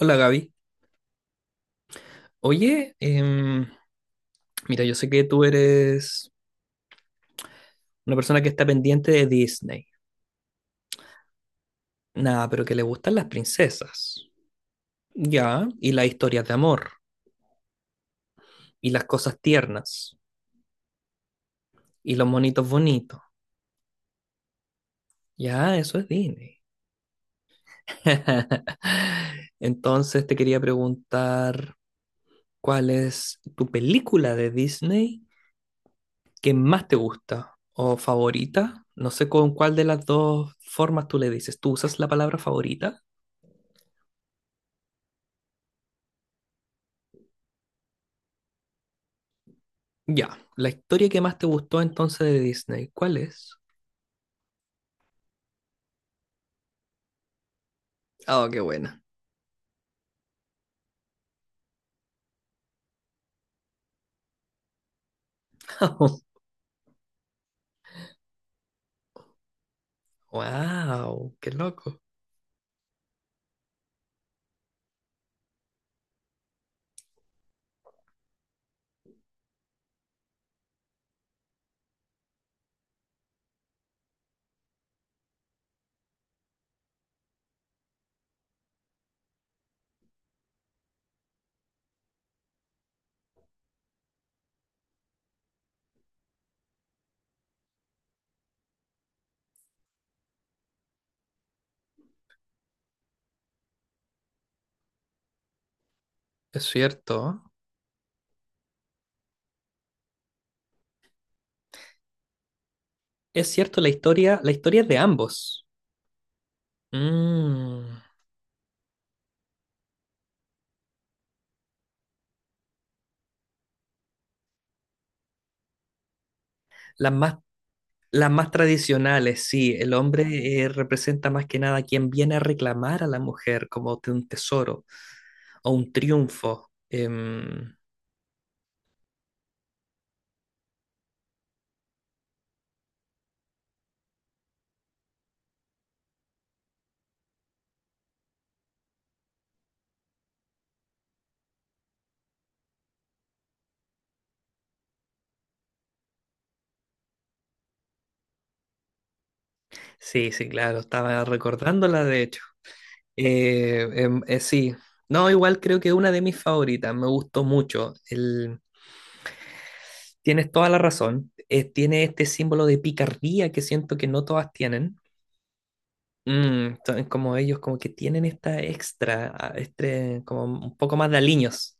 Hola Gaby. Oye, mira, yo sé que tú eres una persona que está pendiente de Disney. Nada, pero que le gustan las princesas. Ya, y las historias de amor, y las cosas tiernas, y los monitos bonitos. Ya, eso es Disney. Entonces te quería preguntar, ¿cuál es tu película de Disney que más te gusta o favorita? No sé con cuál de las dos formas tú le dices. ¿Tú usas la palabra favorita? Ya, la historia que más te gustó entonces de Disney, ¿cuál es? Oh, qué buena. Wow, qué loco. Es cierto. Es cierto, la historia es de ambos. Mm, las más, las más tradicionales, sí. El hombre representa más que nada a quien viene a reclamar a la mujer como de un tesoro o un triunfo. Sí, sí, claro. Estaba recordándola, de hecho. Sí, no, igual creo que una de mis favoritas, me gustó mucho. Tienes toda la razón, tiene este símbolo de picardía que siento que no todas tienen. Mm, son como ellos, como que tienen esta extra, ah, este, como un poco más de aliños.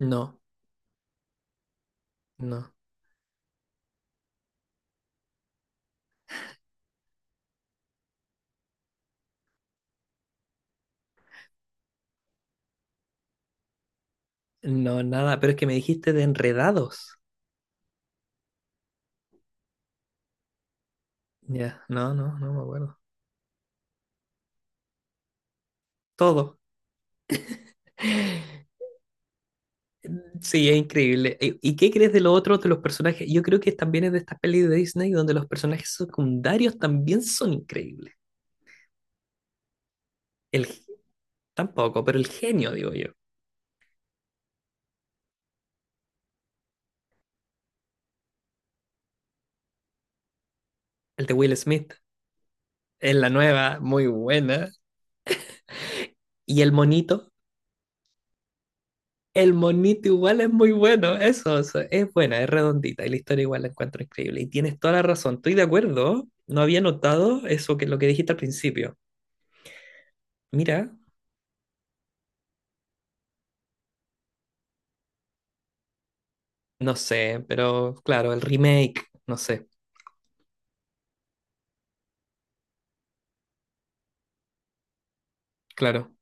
No, no, no, nada, pero es que me dijiste de enredados. Ya, no, no, no me acuerdo. Todo. Sí, es increíble. ¿Y qué crees de lo otro de los personajes? Yo creo que también es de estas pelis de Disney donde los personajes secundarios también son increíbles. El, tampoco, pero el genio, digo yo. El de Will Smith. Es la nueva, muy buena. Y el monito. El monito igual es muy bueno. Eso, es buena, es redondita. Y la historia igual la encuentro increíble. Y tienes toda la razón. Estoy de acuerdo. No había notado eso que lo que dijiste al principio. Mira, no sé, pero claro, el remake, no sé, claro.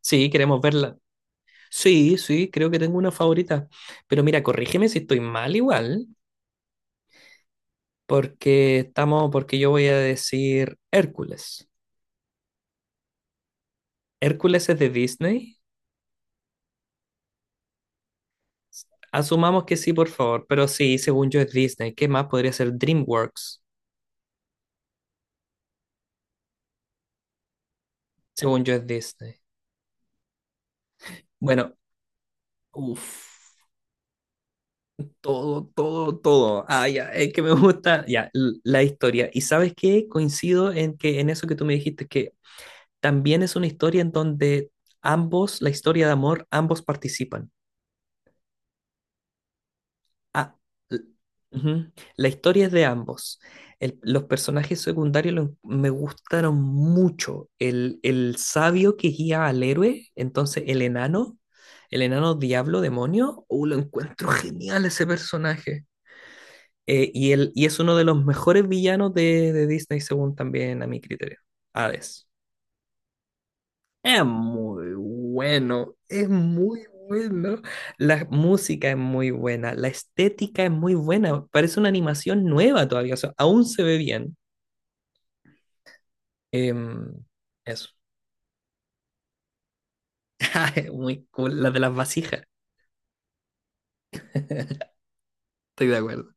Sí, queremos verla. Sí, sí, creo que tengo una favorita. Pero mira, corrígeme si estoy mal igual, porque estamos, porque yo voy a decir Hércules. ¿Hércules es de Disney? Asumamos que sí, por favor, pero sí, según yo es Disney. ¿Qué más podría ser DreamWorks? Según yo es Disney. Bueno, uff, todo, todo, todo. Ah, ya, es que me gusta, ya, la historia. ¿Y sabes qué? Coincido en que en eso que tú me dijiste, que también es una historia en donde ambos, la historia de amor, ambos participan. Ah, l- ujú. La historia es de ambos. Los personajes secundarios me gustaron mucho. El sabio que guía al héroe, entonces el enano diablo, demonio, oh, lo encuentro genial ese personaje. Y es uno de los mejores villanos de Disney, según también a mi criterio. Hades. Es muy bueno, es muy bueno. La música es muy buena, la estética es muy buena. Parece una animación nueva todavía, o sea, aún se ve bien. Em, eso. Muy cool, la de las vasijas. Estoy de acuerdo.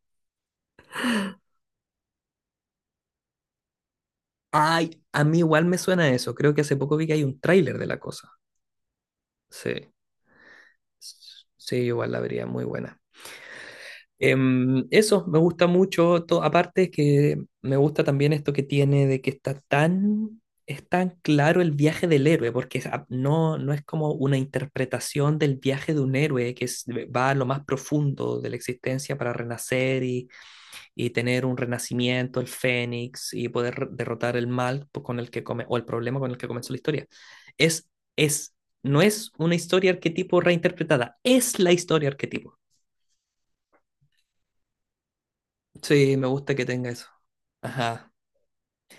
Ay, a mí igual me suena eso. Creo que hace poco vi que hay un tráiler de la cosa. Sí. Sí, igual la vería muy buena. Eso, me gusta mucho. Aparte que me gusta también esto que tiene de que está tan, es tan claro el viaje del héroe, porque no, no es como una interpretación del viaje de un héroe va a lo más profundo de la existencia para renacer y tener un renacimiento, el fénix, y poder derrotar el mal con el que come, o el problema con el que comenzó la historia. Es, es, no es una historia arquetipo reinterpretada, es la historia arquetipo. Sí, me gusta que tenga eso. Ajá.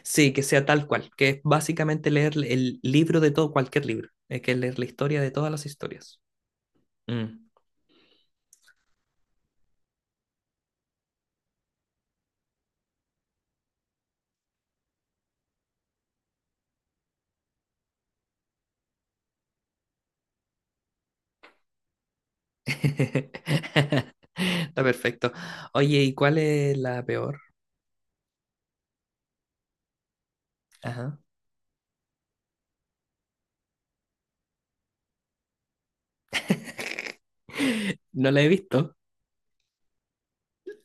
Sí, que sea tal cual, que es básicamente leer el libro de todo, cualquier libro. Es que leer la historia de todas las historias. Mm. Está perfecto. Oye, ¿y cuál es la peor? Ajá. No la he visto,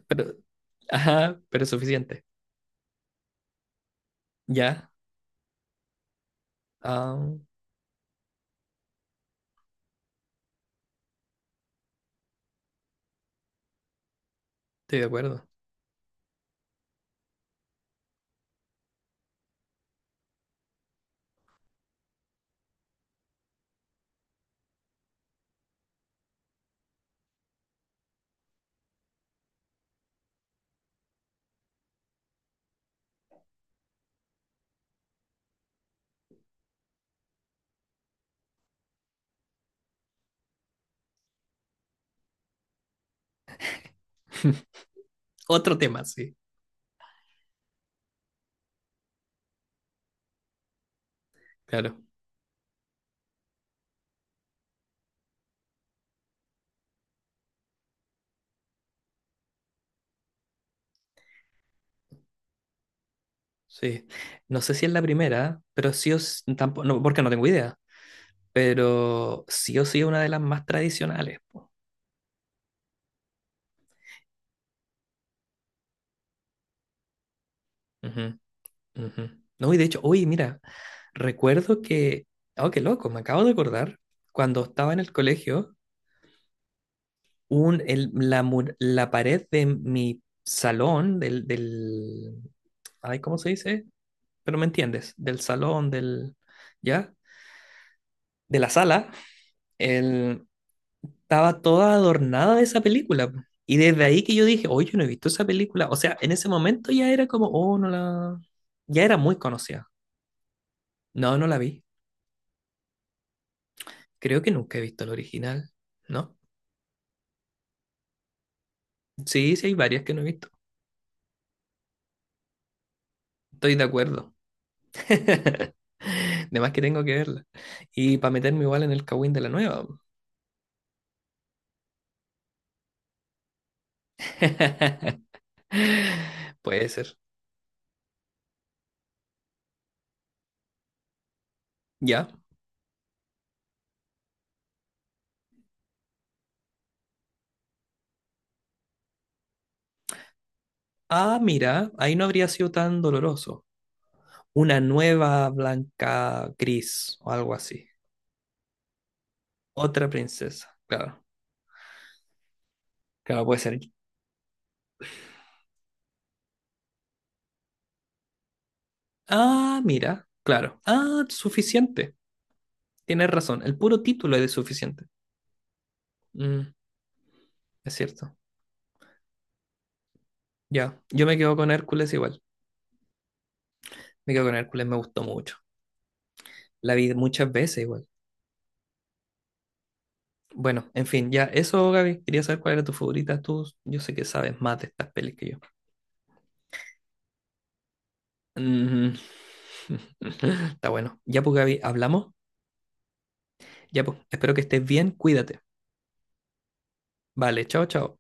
pero... Ajá, pero es suficiente. Ya. Ah, estoy de acuerdo. Otro tema, sí. Claro. Sí. No sé si es la primera, pero sí os... Tampoco, no, porque no tengo idea. Pero sí o sí es una de las más tradicionales. Po. Ujú, ujú. No, y de hecho, uy mira, recuerdo que, oh, qué loco, me acabo de acordar, cuando estaba en el colegio, un, el- la, mu la pared de mi salón, ay, ¿cómo se dice? Pero me entiendes, del salón, del, ¿ya? De la sala, el, estaba toda adornada de esa película. Po. Y desde ahí que yo dije, oye, yo no he visto esa película. O sea, en ese momento ya era como, oh, no la... Ya era muy conocida. No, no la vi. Creo que nunca he visto el original, ¿no? Sí, sí, hay varias que no he visto. Estoy de acuerdo. De más que tengo que verla. Y para meterme igual en el Kawin de la nueva. Puede ser. Ya. Ah, mira, ahí no habría sido tan doloroso. Una nueva blanca gris o algo así. Otra princesa, claro. Claro, puede ser. Ah, mira, claro. Ah, suficiente. Tienes razón. El puro título es de suficiente. Mm, es cierto. Ya, yo me quedo con Hércules igual. Me quedo con Hércules, me gustó mucho. La vi muchas veces igual. Bueno, en fin, ya eso, Gaby. Quería saber cuál era tu favorita. Tú, yo sé que sabes más de estas pelis que yo. Mm. Está bueno. Ya pues, Gaby, hablamos. Ya pues, espero que estés bien. Cuídate. Vale, chao, chao.